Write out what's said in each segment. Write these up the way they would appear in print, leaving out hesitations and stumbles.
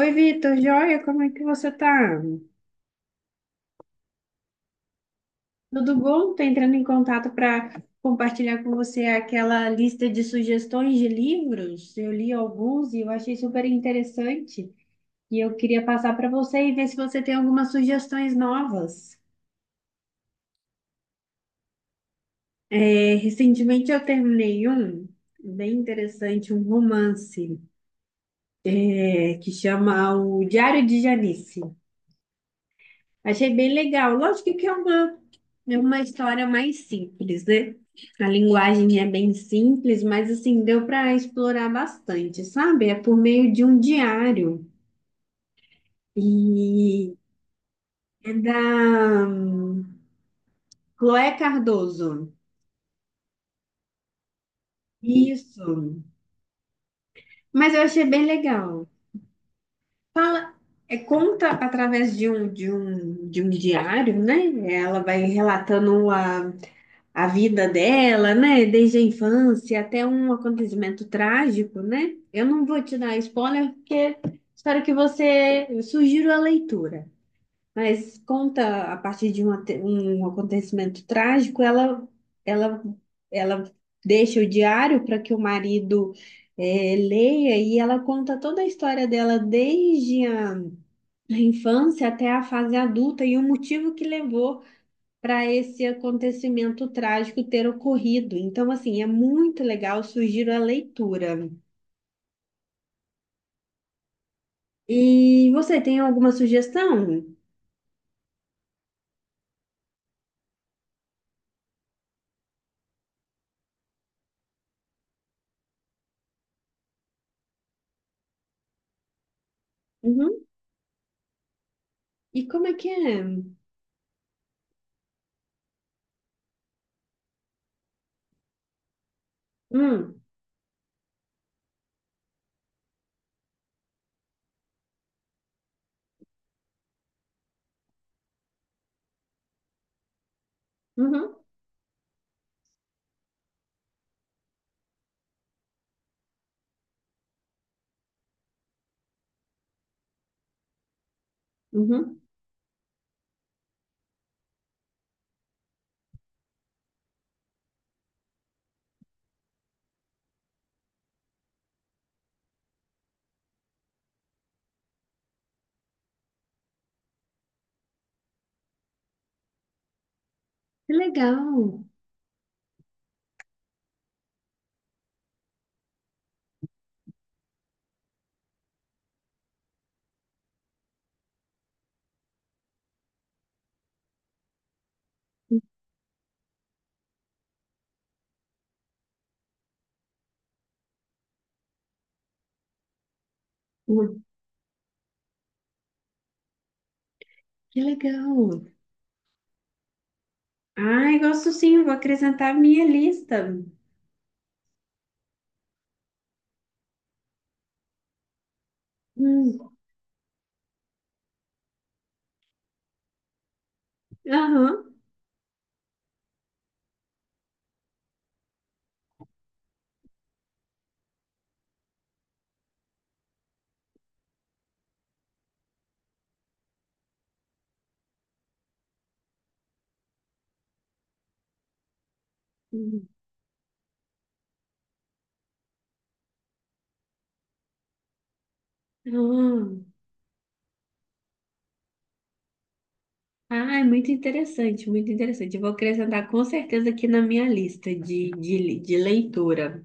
Oi, Vitor, joia, como é que você tá? Tudo bom? Tô entrando em contato para compartilhar com você aquela lista de sugestões de livros. Eu li alguns e eu achei super interessante e eu queria passar para você e ver se você tem algumas sugestões novas. Recentemente eu terminei um bem interessante, um romance, que chama O Diário de Janice. Achei bem legal. Lógico que é uma história mais simples, né? A linguagem é bem simples, mas assim, deu para explorar bastante, sabe? É por meio de um diário. E é da Chloé Cardoso. Isso. Mas eu achei bem legal. Fala, conta através de um diário, né? Ela vai relatando a vida dela, né? Desde a infância até um acontecimento trágico, né? Eu não vou te dar spoiler porque espero que você eu sugiro a leitura. Mas conta a partir de um, um acontecimento trágico, ela ela ela deixa o diário para que o marido leia e ela conta toda a história dela desde a infância até a fase adulta e o motivo que levou para esse acontecimento trágico ter ocorrido. Então, assim, é muito legal, sugiro a leitura. E você tem alguma sugestão? Uhum. E como é que é? Hum. Uhum. Uhum. Que legal. Uhum. Que legal. Ai, gosto sim, vou acrescentar a minha lista. Hum. Aham. Uhum. Ah, é muito interessante, muito interessante. Eu vou acrescentar com certeza aqui na minha lista de leitura.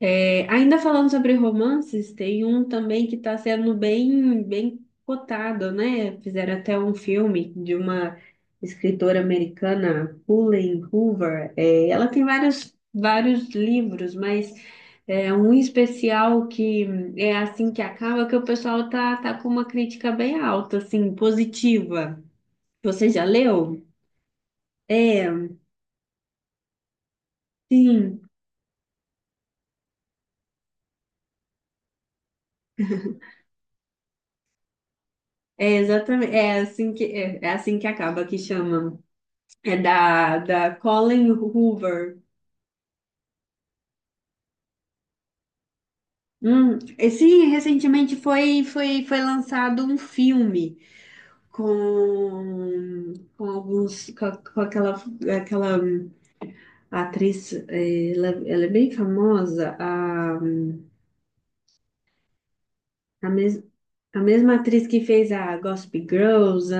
É, ainda falando sobre romances, tem um também que está sendo bem cotado, né? Fizeram até um filme de uma escritora americana, Helen Hoover. É, ela tem vários livros, mas é um especial que é assim que acaba, que o pessoal tá com uma crítica bem alta, assim, positiva. Você já leu? É, sim, é exatamente, é assim que acaba, que chama. É da Colin Hoover. E sim, recentemente foi lançado um filme com alguns com, a- com aquela, aquela atriz, ela é bem famosa, a, mes, a mesma atriz que fez a Gossip Girls.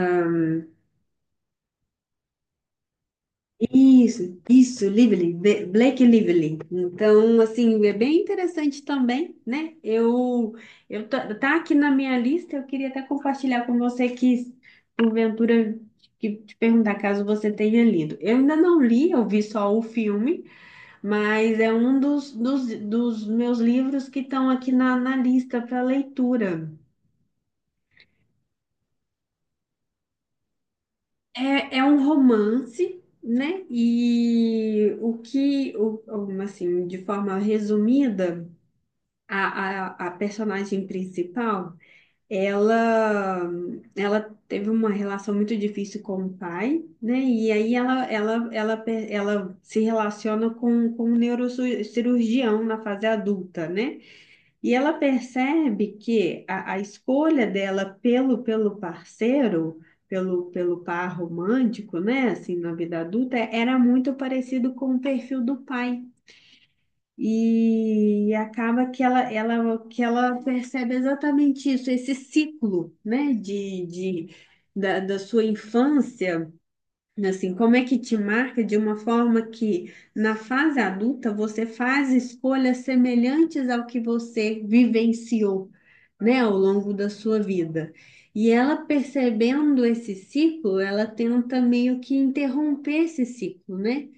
Isso, Lively, Blake Lively. Então, assim, é bem interessante também, né? Eu tá, tá aqui na minha lista, eu queria até compartilhar com você que, porventura, que te perguntar caso você tenha lido. Eu ainda não li, eu vi só o filme, mas é um dos meus livros que estão aqui na lista para leitura. É, é um romance, né? E o que, o- assim, de forma resumida, a personagem principal, ela, ela teve uma relação muito difícil com o pai, né? E aí ela se relaciona com um neurocirurgião na fase adulta, né? E ela percebe que a escolha dela pelo parceiro, pelo par romântico, né, assim, na vida adulta, era muito parecido com o perfil do pai. E acaba que que ela percebe exatamente isso, esse ciclo, né, da sua infância. Assim, como é que te marca de uma forma que na fase adulta você faz escolhas semelhantes ao que você vivenciou, né, ao longo da sua vida. E ela percebendo esse ciclo, ela tenta meio que interromper esse ciclo, né?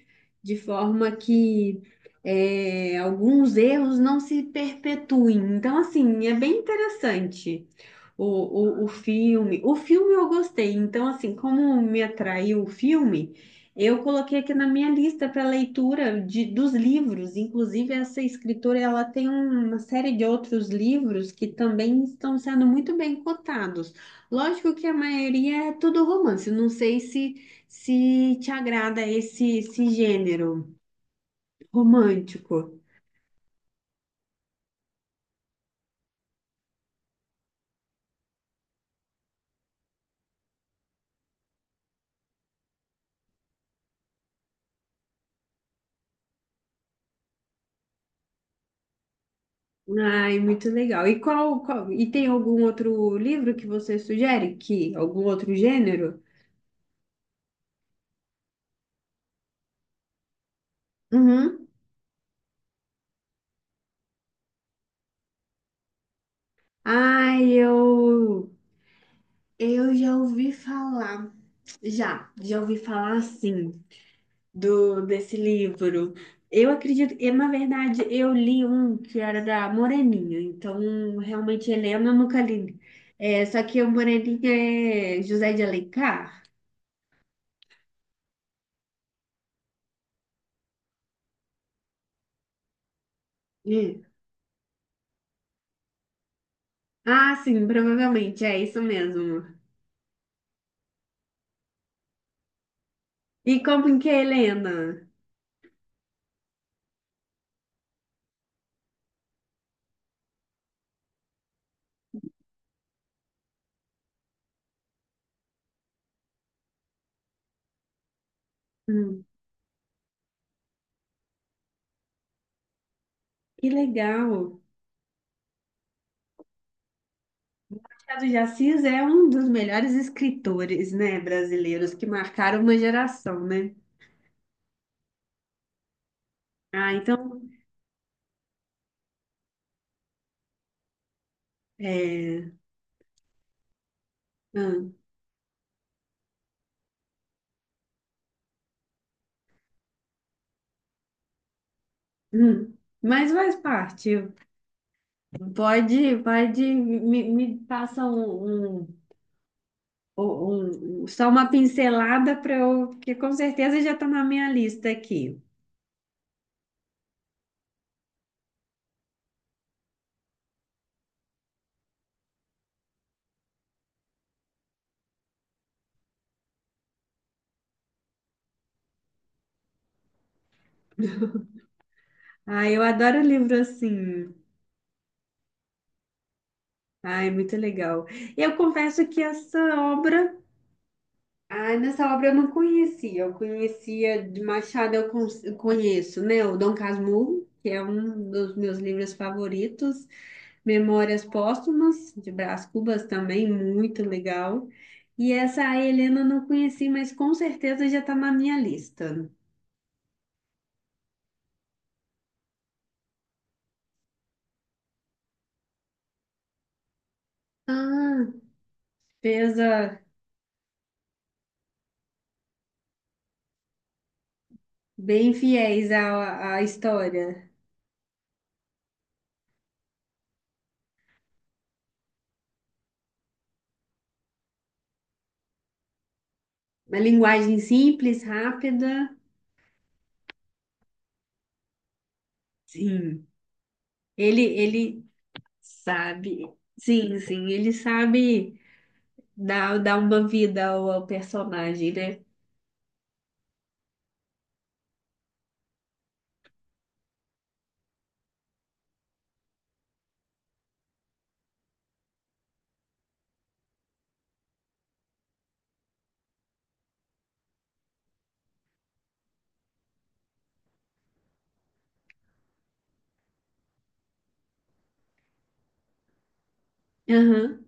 De forma que alguns erros não se perpetuem. Então, assim, é bem interessante. O filme. O filme eu gostei. Então, assim, como me atraiu o filme, eu coloquei aqui na minha lista para leitura dos livros. Inclusive, essa escritora, ela tem uma série de outros livros que também estão sendo muito bem cotados. Lógico que a maioria é tudo romance. Não sei se te agrada esse gênero romântico. Ai, muito legal. E e tem algum outro livro que você sugere? Que algum outro gênero? Uhum. Ai, eu já ouvi falar, já ouvi falar sim do desse livro. Eu acredito, e na verdade eu li um que era da Moreninha, então realmente Helena eu nunca li. É, só que o Moreninha é José de Alencar. Hum. Ah, sim, provavelmente é isso mesmo. E como que é Helena? Hum, que legal. Machado de Assis é um dos melhores escritores, né, brasileiros que marcaram uma geração, né? Ah, então, é, hum, hum, mas faz parte. Pode, me passa um, só uma pincelada para eu, porque com certeza já está na minha lista aqui. Ah, eu adoro livro assim. Ai, muito legal. Eu confesso que essa obra Ai, nessa obra eu não conhecia. Eu conhecia de Machado, eu conheço, né? O Dom Casmurro, que é um dos meus livros favoritos. Memórias Póstumas, de Brás Cubas também, muito legal. E essa a Helena eu não conheci, mas com certeza já está na minha lista. Ah, pesa bem fiéis à, à história. Uma linguagem simples, rápida. Sim, ele sabe. Sim, sim, ele sabe. Dá, dá uma vida ao, ao personagem, né? Aham.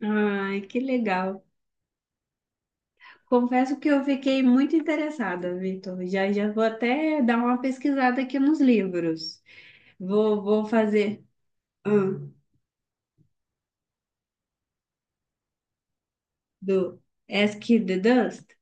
Ai, que legal. Confesso que eu fiquei muito interessada, Vitor. Já vou até dar uma pesquisada aqui nos livros. Vou fazer hum, do Ask the Dust.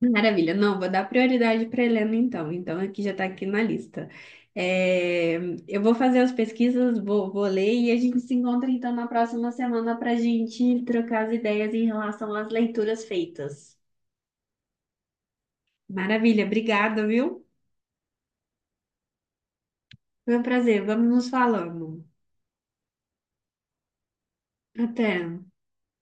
Maravilha. Não, vou dar prioridade para Helena então. Então, aqui já está aqui na lista. É, eu vou fazer as pesquisas, vou ler e a gente se encontra então na próxima semana para a gente trocar as ideias em relação às leituras feitas. Maravilha, obrigada, viu? Foi um prazer. Vamos nos falando. Até.